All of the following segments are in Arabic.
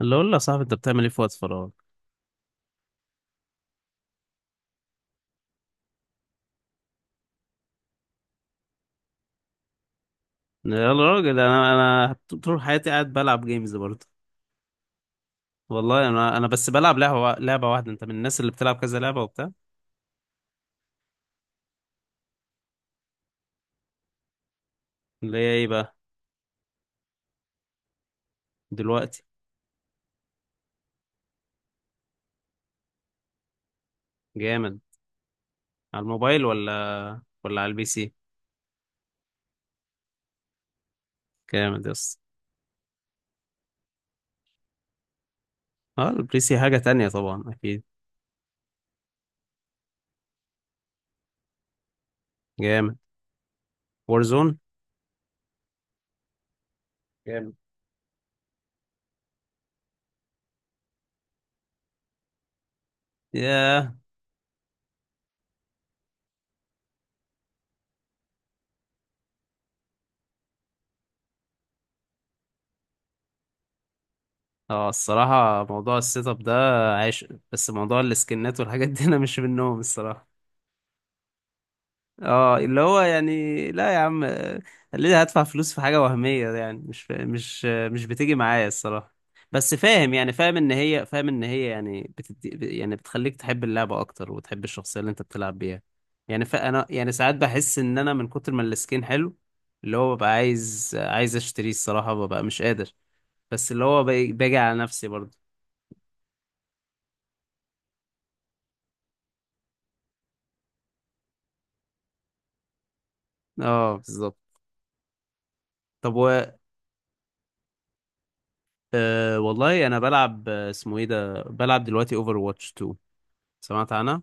اللي اقول له يا صاحبي، انت بتعمل ايه في وقت فراغك؟ يا راجل، انا طول حياتي قاعد بلعب جيمز برضه. والله انا بس بلعب لعبه واحده. انت من الناس اللي بتلعب كذا لعبه وبتاع؟ اللي هي ايه بقى؟ دلوقتي. جامد. على الموبايل ولا على البي سي؟ جامد يا اسطى. اه، البي سي حاجه تانية طبعا، اكيد. جامد. وارزون. جامد. ياه. اه، الصراحه موضوع السيت اب ده عايش. بس موضوع السكنات والحاجات دي انا مش منهم الصراحه. اه اللي هو يعني، لا يا عم. ليه هدفع فلوس في حاجة وهمية؟ يعني مش بتيجي معايا الصراحة. بس فاهم، يعني فاهم ان هي يعني بتدي، يعني بتخليك تحب اللعبة اكتر وتحب الشخصية اللي انت بتلعب بيها. يعني فانا يعني ساعات بحس ان انا من كتر ما السكين حلو، اللي هو ببقى عايز اشتريه الصراحة، ببقى مش قادر. بس اللي هو باجي على نفسي برضه. اه بالظبط. طب و والله انا بلعب، اسمه ايه ده، بلعب دلوقتي اوفر واتش 2. سمعت عنها؟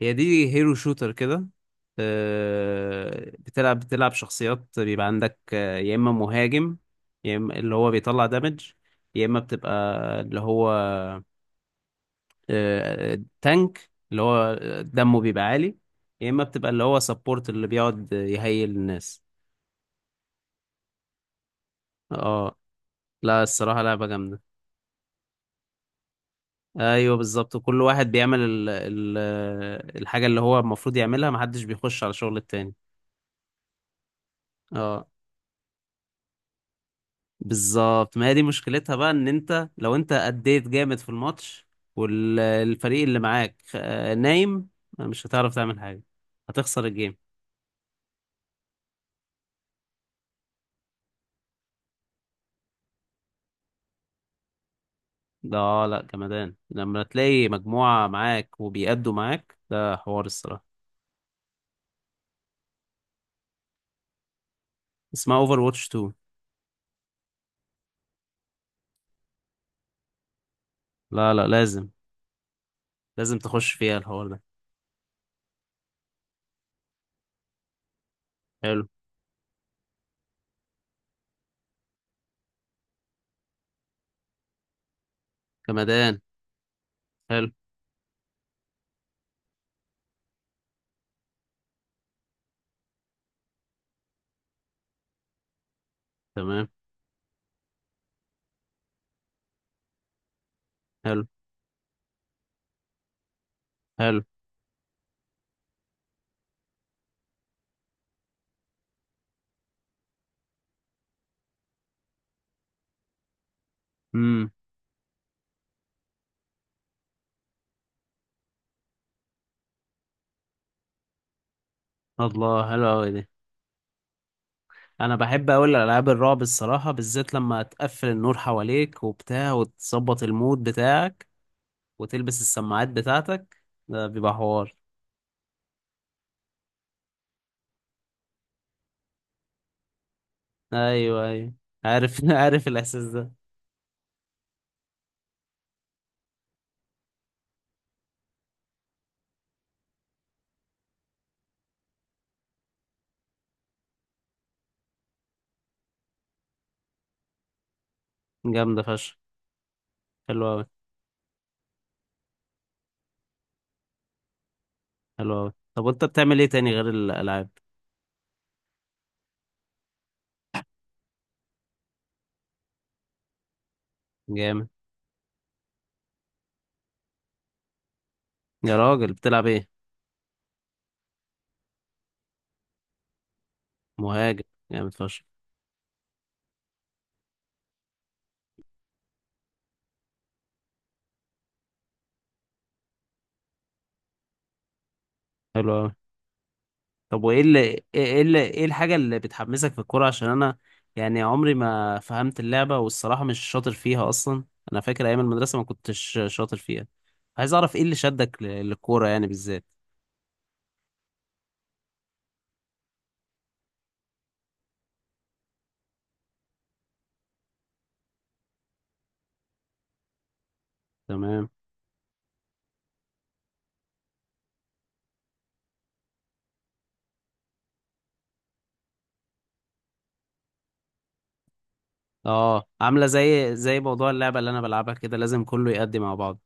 هي دي هيرو شوتر كده. بتلعب شخصيات. بيبقى عندك يا اما مهاجم، يا اما اللي هو بيطلع دامج، يا اما بتبقى اللي هو تانك اللي هو دمه بيبقى عالي، يا اما بتبقى اللي هو سبورت اللي بيقعد يهيل الناس. اه. لا الصراحة لعبة جامدة. ايوه بالظبط، كل واحد بيعمل ال الحاجة اللي هو المفروض يعملها، محدش بيخش على شغل التاني. اه بالظبط، ما هي دي مشكلتها بقى، ان انت لو انت اديت جامد في الماتش والفريق اللي معاك نايم، مش هتعرف تعمل حاجة، هتخسر الجيم. ده لا جمدان لما تلاقي مجموعة معاك وبيأدوا معاك، ده حوار الصراحة. اسمها اوفر واتش 2. لا لا، لازم، لازم تخش فيها الحوار ده. حلو. جمدان. حلو. تمام. حلو. حلو. امم. الله، حلو قوي. انا بحب اقول العاب الرعب الصراحه، بالذات لما تقفل النور حواليك وبتاع وتظبط المود بتاعك وتلبس السماعات بتاعتك، ده بيبقى حوار. ايوه ايوه. عارف عارف الاحساس ده. جامده فشخ. حلو قوي. حلو قوي. طب وانت بتعمل ايه تاني غير الالعاب؟ جامد. يا راجل، بتلعب ايه؟ مهاجم. جامد فشخ. حلو قوي. طب وايه اللي، ايه الحاجة اللي بتحمسك في الكورة؟ عشان انا يعني عمري ما فهمت اللعبة والصراحة مش شاطر فيها اصلا. انا فاكر ايام المدرسة ما كنتش شاطر فيها. عايز اعرف ايه اللي شدك للكورة يعني بالذات. تمام. اه عاملة زي، موضوع اللعبة اللي انا بلعبها كده، لازم كله يأدي مع بعض.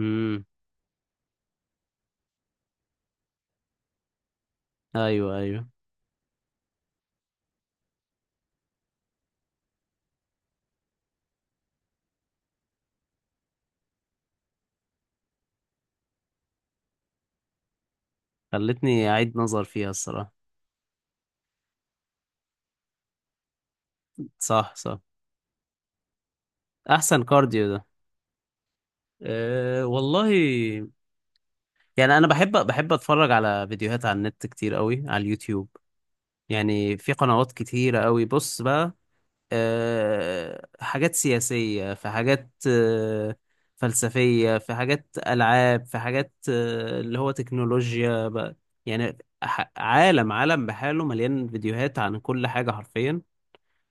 امم. ايوه ايوه. خلتني اعيد نظر فيها الصراحة. صح صح. احسن كارديو ده. أه والله، يعني انا بحب اتفرج على فيديوهات على النت كتير قوي، على اليوتيوب. يعني في قنوات كتيرة قوي، بص بقى، أه حاجات سياسية، في حاجات فلسفية، في حاجات ألعاب، في حاجات اللي هو تكنولوجيا بقى. يعني عالم بحاله مليان فيديوهات عن كل حاجة حرفيا.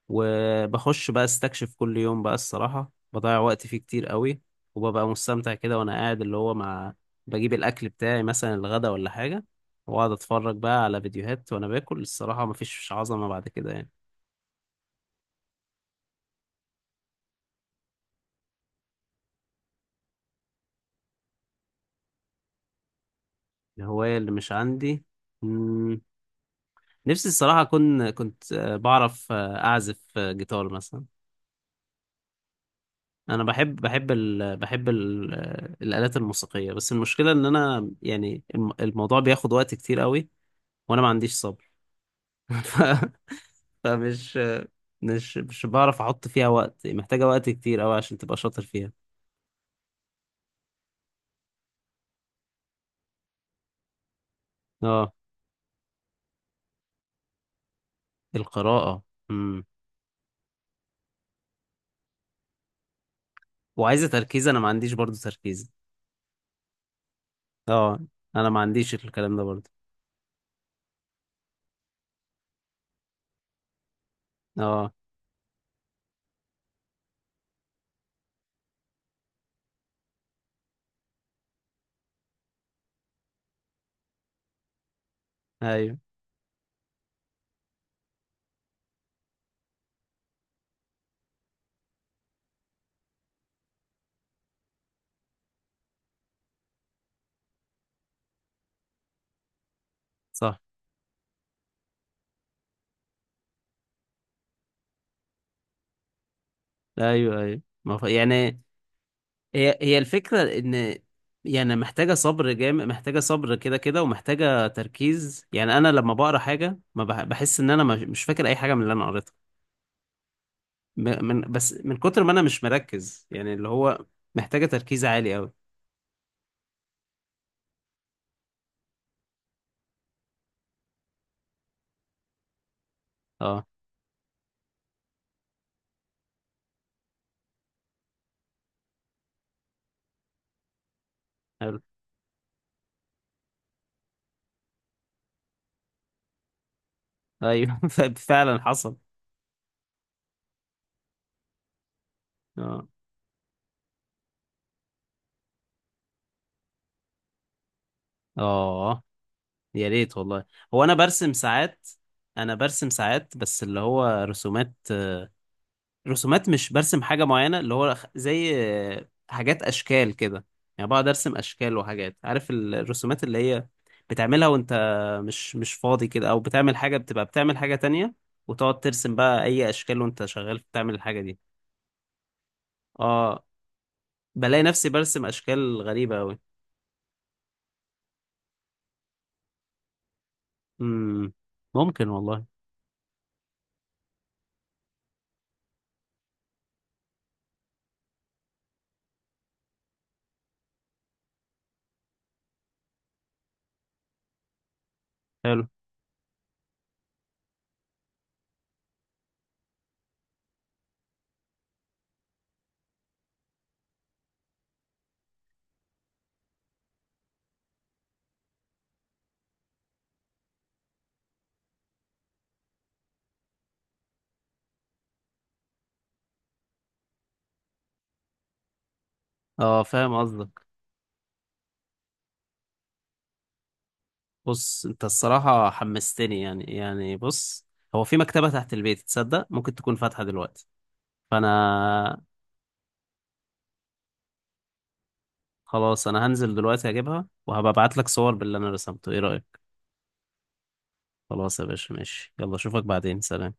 وبخش بقى استكشف كل يوم بقى الصراحة، بضيع وقت فيه كتير قوي. وببقى مستمتع كده وانا قاعد، اللي هو مع، بجيب الاكل بتاعي مثلا الغدا ولا حاجة، واقعد اتفرج بقى على فيديوهات وانا باكل، الصراحة مفيش عظمة بعد كده يعني. الهواية اللي مش عندي. مم. نفسي الصراحة أكون كنت بعرف أعزف جيتار مثلا. أنا بحب، بحب ال بحب ال الآلات الموسيقية، بس المشكلة إن أنا، يعني الموضوع بياخد وقت كتير قوي، وأنا ما عنديش صبر. ف- فمش مش مش بعرف احط فيها وقت، محتاجة وقت كتير قوي عشان تبقى شاطر فيها. اه. القراءة. امم. وعايزة تركيز، انا ما عنديش برضو تركيز. اه. انا ما عنديش الكلام ده برضو. اه. ايوه. صح. ايوه ايوه ما ف... يعني هي الفكرة ان، يعني محتاجة صبر جامد، محتاجة صبر كده كده، ومحتاجة تركيز. يعني انا لما بقرا حاجة ما بح... بحس ان انا مش فاكر اي حاجة من اللي انا قريتها. من بس من كتر ما انا مش مركز، يعني اللي هو محتاجة تركيز عالي قوي. اه. حلو. ايوه فعلا حصل. اه اه. يا ريت والله. هو انا برسم ساعات بس اللي هو رسومات، رسومات، مش برسم حاجة معينة، اللي هو زي حاجات اشكال كده. يعني بقعد ارسم اشكال وحاجات، عارف الرسومات اللي هي بتعملها وانت مش فاضي كده، او بتعمل حاجة، بتبقى بتعمل حاجة تانية وتقعد ترسم بقى اي اشكال وانت شغال بتعمل الحاجة دي. اه. بلاقي نفسي برسم اشكال غريبة اوي. امم. ممكن والله. حلو. اه فاهم قصدك. بص انت الصراحة حمستني، يعني يعني بص، هو في مكتبة تحت البيت تصدق، ممكن تكون فاتحة دلوقتي، فانا، خلاص انا هنزل دلوقتي اجيبها، وهبقى ابعت لك صور باللي انا رسمته، ايه رأيك؟ خلاص يا باشا، ماشي، يلا اشوفك بعدين، سلام.